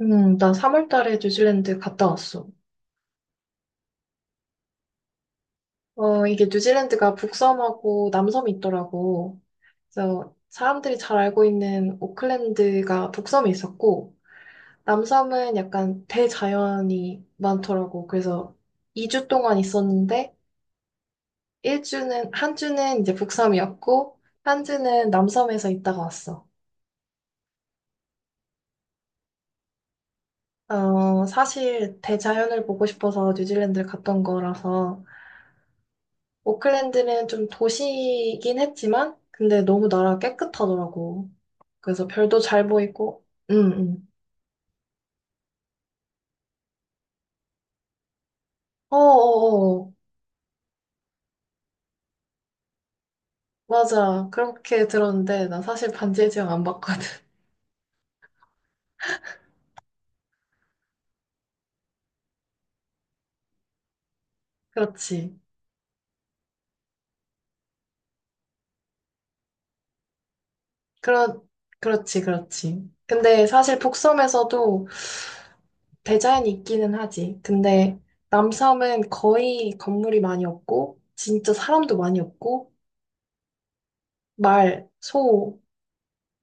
나 3월 달에 뉴질랜드 갔다 왔어. 어, 이게 뉴질랜드가 북섬하고 남섬이 있더라고. 그래서 사람들이 잘 알고 있는 오클랜드가 북섬에 있었고, 남섬은 약간 대자연이 많더라고. 그래서 2주 동안 있었는데, 일 주는 한 주는 이제 북섬이었고, 한 주는 남섬에서 있다가 왔어. 어, 사실 대자연을 보고 싶어서 뉴질랜드를 갔던 거라서, 오클랜드는 좀 도시이긴 했지만, 근데 너무 나라 깨끗하더라고. 그래서 별도 잘 보이고, 응, 응. 어어어, 맞아. 그렇게 들었는데, 나 사실 반지의 제왕 안 봤거든. 그렇지. 그렇, 그렇지, 그렇지. 근데 사실 북섬에서도 대자연이 있기는 하지. 근데 남섬은 거의 건물이 많이 없고, 진짜 사람도 많이 없고, 말, 소,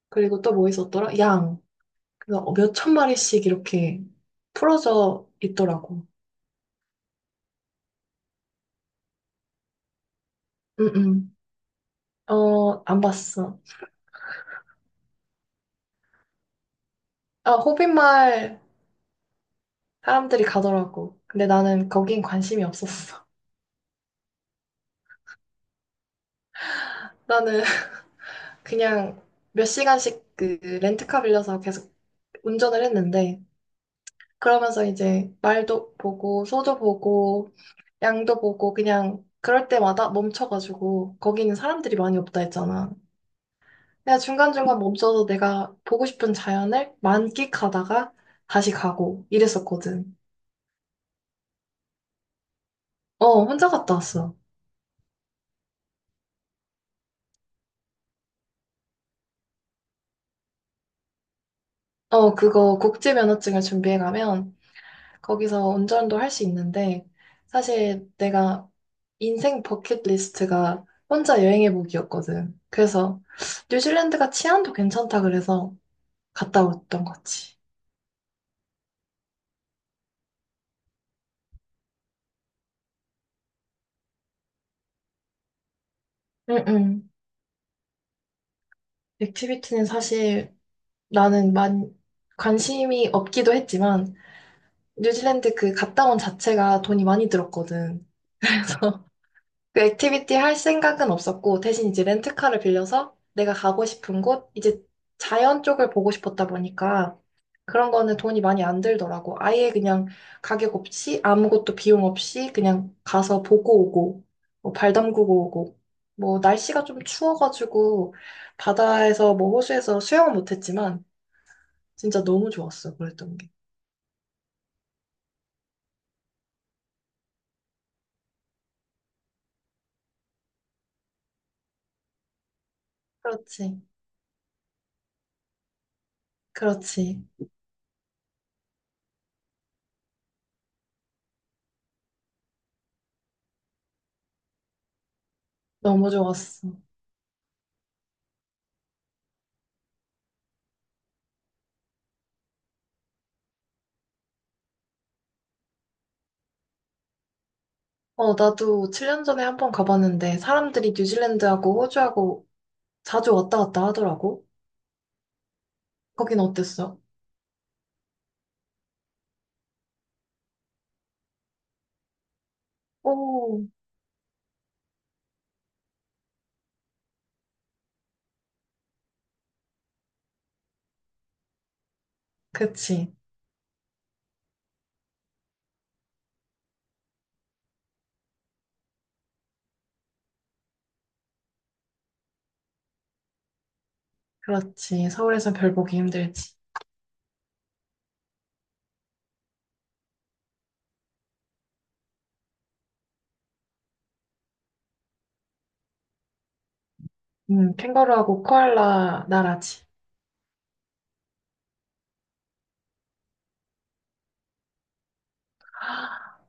그리고 또 뭐 있었더라? 양. 그래서 몇천 마리씩 이렇게 풀어져 있더라고. 응응. 어, 안 봤어. 아, 호빗마을 사람들이 가더라고. 근데 나는 거긴 관심이 없었어. 나는 그냥 몇 시간씩 그 렌트카 빌려서 계속 운전을 했는데, 그러면서 이제 말도 보고, 소도 보고, 양도 보고, 그냥 그럴 때마다 멈춰가지고, 거기는 사람들이 많이 없다 했잖아. 내가 중간중간 멈춰서 내가 보고 싶은 자연을 만끽하다가 다시 가고 이랬었거든. 어, 혼자 갔다 왔어. 어, 그거 국제 면허증을 준비해 가면 거기서 운전도 할 수 있는데 사실 내가 인생 버킷리스트가 혼자 여행해 보기였거든. 그래서 뉴질랜드가 치안도 괜찮다 그래서 갔다 왔던 거지. 응응. 액티비티는 사실 나는 만 관심이 없기도 했지만 뉴질랜드 그 갔다 온 자체가 돈이 많이 들었거든. 그래서 그 액티비티 할 생각은 없었고, 대신 이제 렌트카를 빌려서 내가 가고 싶은 곳, 이제 자연 쪽을 보고 싶었다 보니까 그런 거는 돈이 많이 안 들더라고. 아예 그냥 가격 없이, 아무것도 비용 없이 그냥 가서 보고 오고, 뭐 발 담그고 오고. 뭐 날씨가 좀 추워가지고 바다에서 뭐 호수에서 수영은 못했지만 진짜 너무 좋았어. 그랬던 게. 그렇지. 그렇지. 너무 좋았어. 어, 나도 7년 전에 한 번 가봤는데 사람들이 뉴질랜드하고 호주하고 자주 왔다 갔다 하더라고. 거긴 어땠어? 오, 그치. 그렇지. 서울에선 별 보기 힘들지. 캥거루하고 코알라 나라지.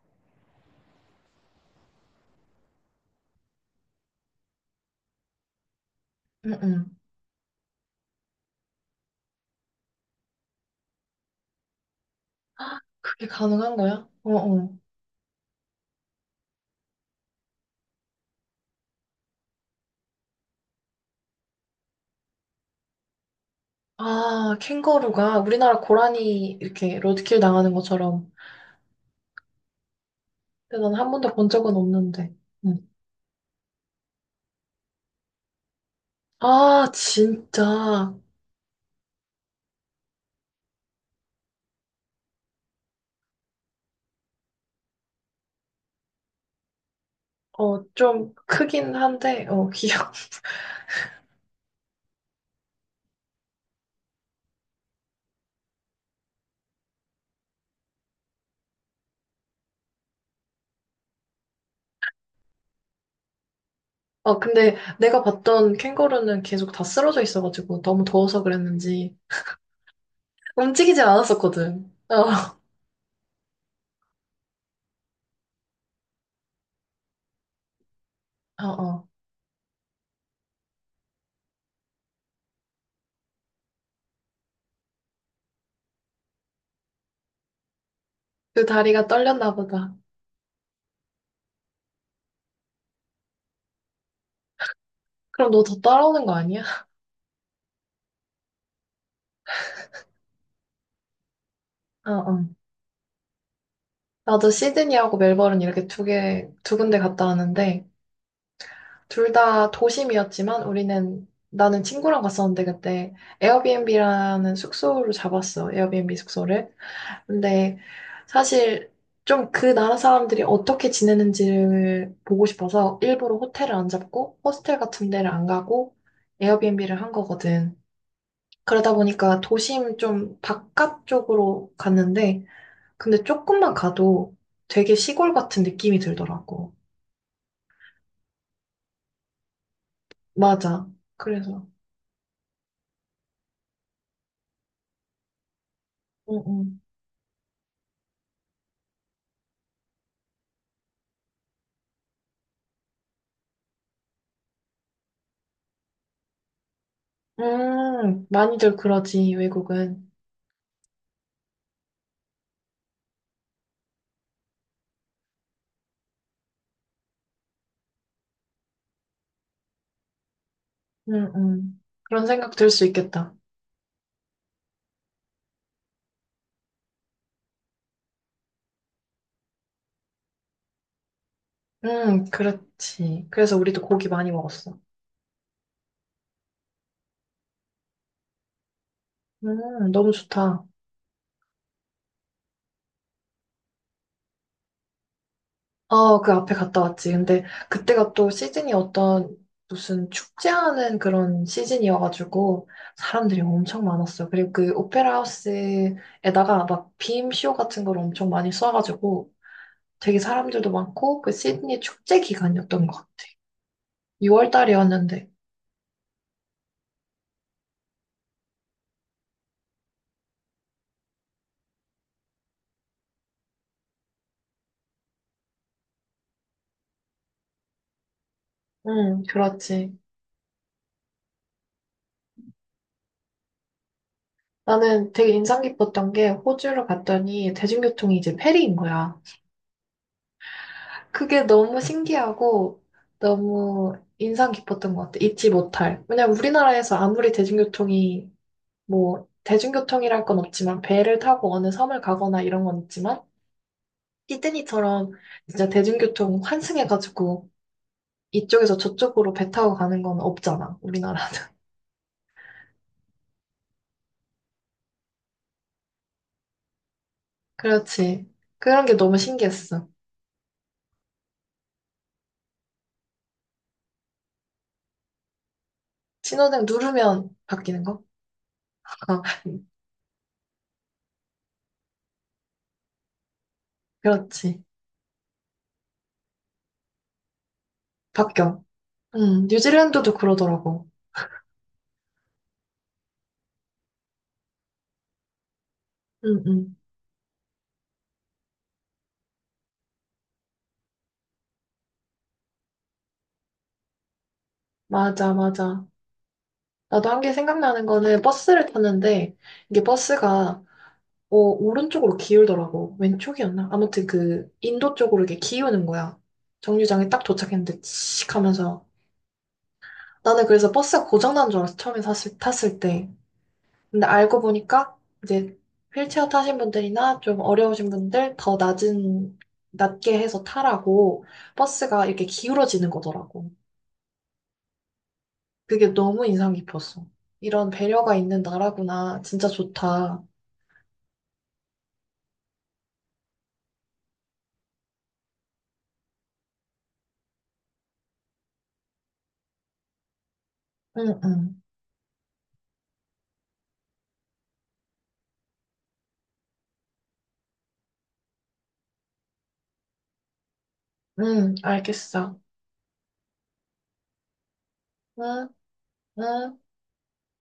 응, 응. 그게 가능한 거야? 어, 어. 아, 캥거루가 우리나라 고라니 이렇게 로드킬 당하는 것처럼. 근데 난 한 번도 본 적은 없는데. 응. 아, 진짜. 어, 좀 크긴 한데, 어, 귀여워. 아, 근데 내가 봤던 캥거루는 계속 다 쓰러져 있어가지고 너무 더워서 그랬는지 움직이질 않았었거든. 어, 어, 어. 그 다리가 떨렸나 보다. 그럼 너 더 따라오는 거 아니야? 어, 어. 나도 시드니하고 멜버른 이렇게 두 개, 두 군데 갔다 왔는데 둘 다 도심이었지만 우리는 나는 친구랑 갔었는데 그때 에어비앤비라는 숙소를 잡았어. 에어비앤비 숙소를. 근데 사실 좀 그 나라 사람들이 어떻게 지내는지를 보고 싶어서 일부러 호텔을 안 잡고 호스텔 같은 데를 안 가고 에어비앤비를 한 거거든. 그러다 보니까 도심 좀 바깥쪽으로 갔는데 근데 조금만 가도 되게 시골 같은 느낌이 들더라고. 맞아. 그래서 응, 응. 많이들 그러지, 외국은. 응, 응. 그런 생각 들 수 있겠다. 응, 그렇지. 그래서 우리도 고기 많이 먹었어. 너무 좋다. 아, 그 앞에 갔다 왔지. 근데 그때가 또 시즌이 어떤 무슨 축제하는 그런 시즌이어가지고 사람들이 엄청 많았어요. 그리고 그 오페라 하우스에다가 막 빔쇼 같은 걸 엄청 많이 써가지고 되게 사람들도 많고 그 시드니 축제 기간이었던 것 같아. 6월 달이었는데. 그렇지. 나는 되게 인상 깊었던 게 호주로 갔더니 대중교통이 이제 페리인 거야. 그게 너무 신기하고 너무 인상 깊었던 것 같아. 잊지 못할. 왜냐면 우리나라에서 아무리 대중교통이 뭐 대중교통이랄 건 없지만 배를 타고 어느 섬을 가거나 이런 건 있지만 시드니처럼 진짜 대중교통 환승해가지고 이쪽에서 저쪽으로 배 타고 가는 건 없잖아. 우리나라는. 그렇지. 그런 게 너무 신기했어. 신호등 누르면 바뀌는 거? 어, 그렇지. 바뀌어. 뉴질랜드도 그러더라고. 응, 응. 맞아, 맞아. 나도 한 게 생각나는 거는 버스를 탔는데 이게 버스가 어, 오른쪽으로 기울더라고. 왼쪽이었나? 아무튼 그 인도 쪽으로 이렇게 기우는 거야. 정류장에 딱 도착했는데 치익 하면서 나는 그래서 버스가 고장난 줄 알았어. 처음에 탔을 때. 근데 알고 보니까 이제 휠체어 타신 분들이나 좀 어려우신 분들 더 낮은 낮게 해서 타라고 버스가 이렇게 기울어지는 거더라고. 그게 너무 인상 깊었어. 이런 배려가 있는 나라구나. 진짜 좋다. 응, 응, 응, 알겠어. 응, 응.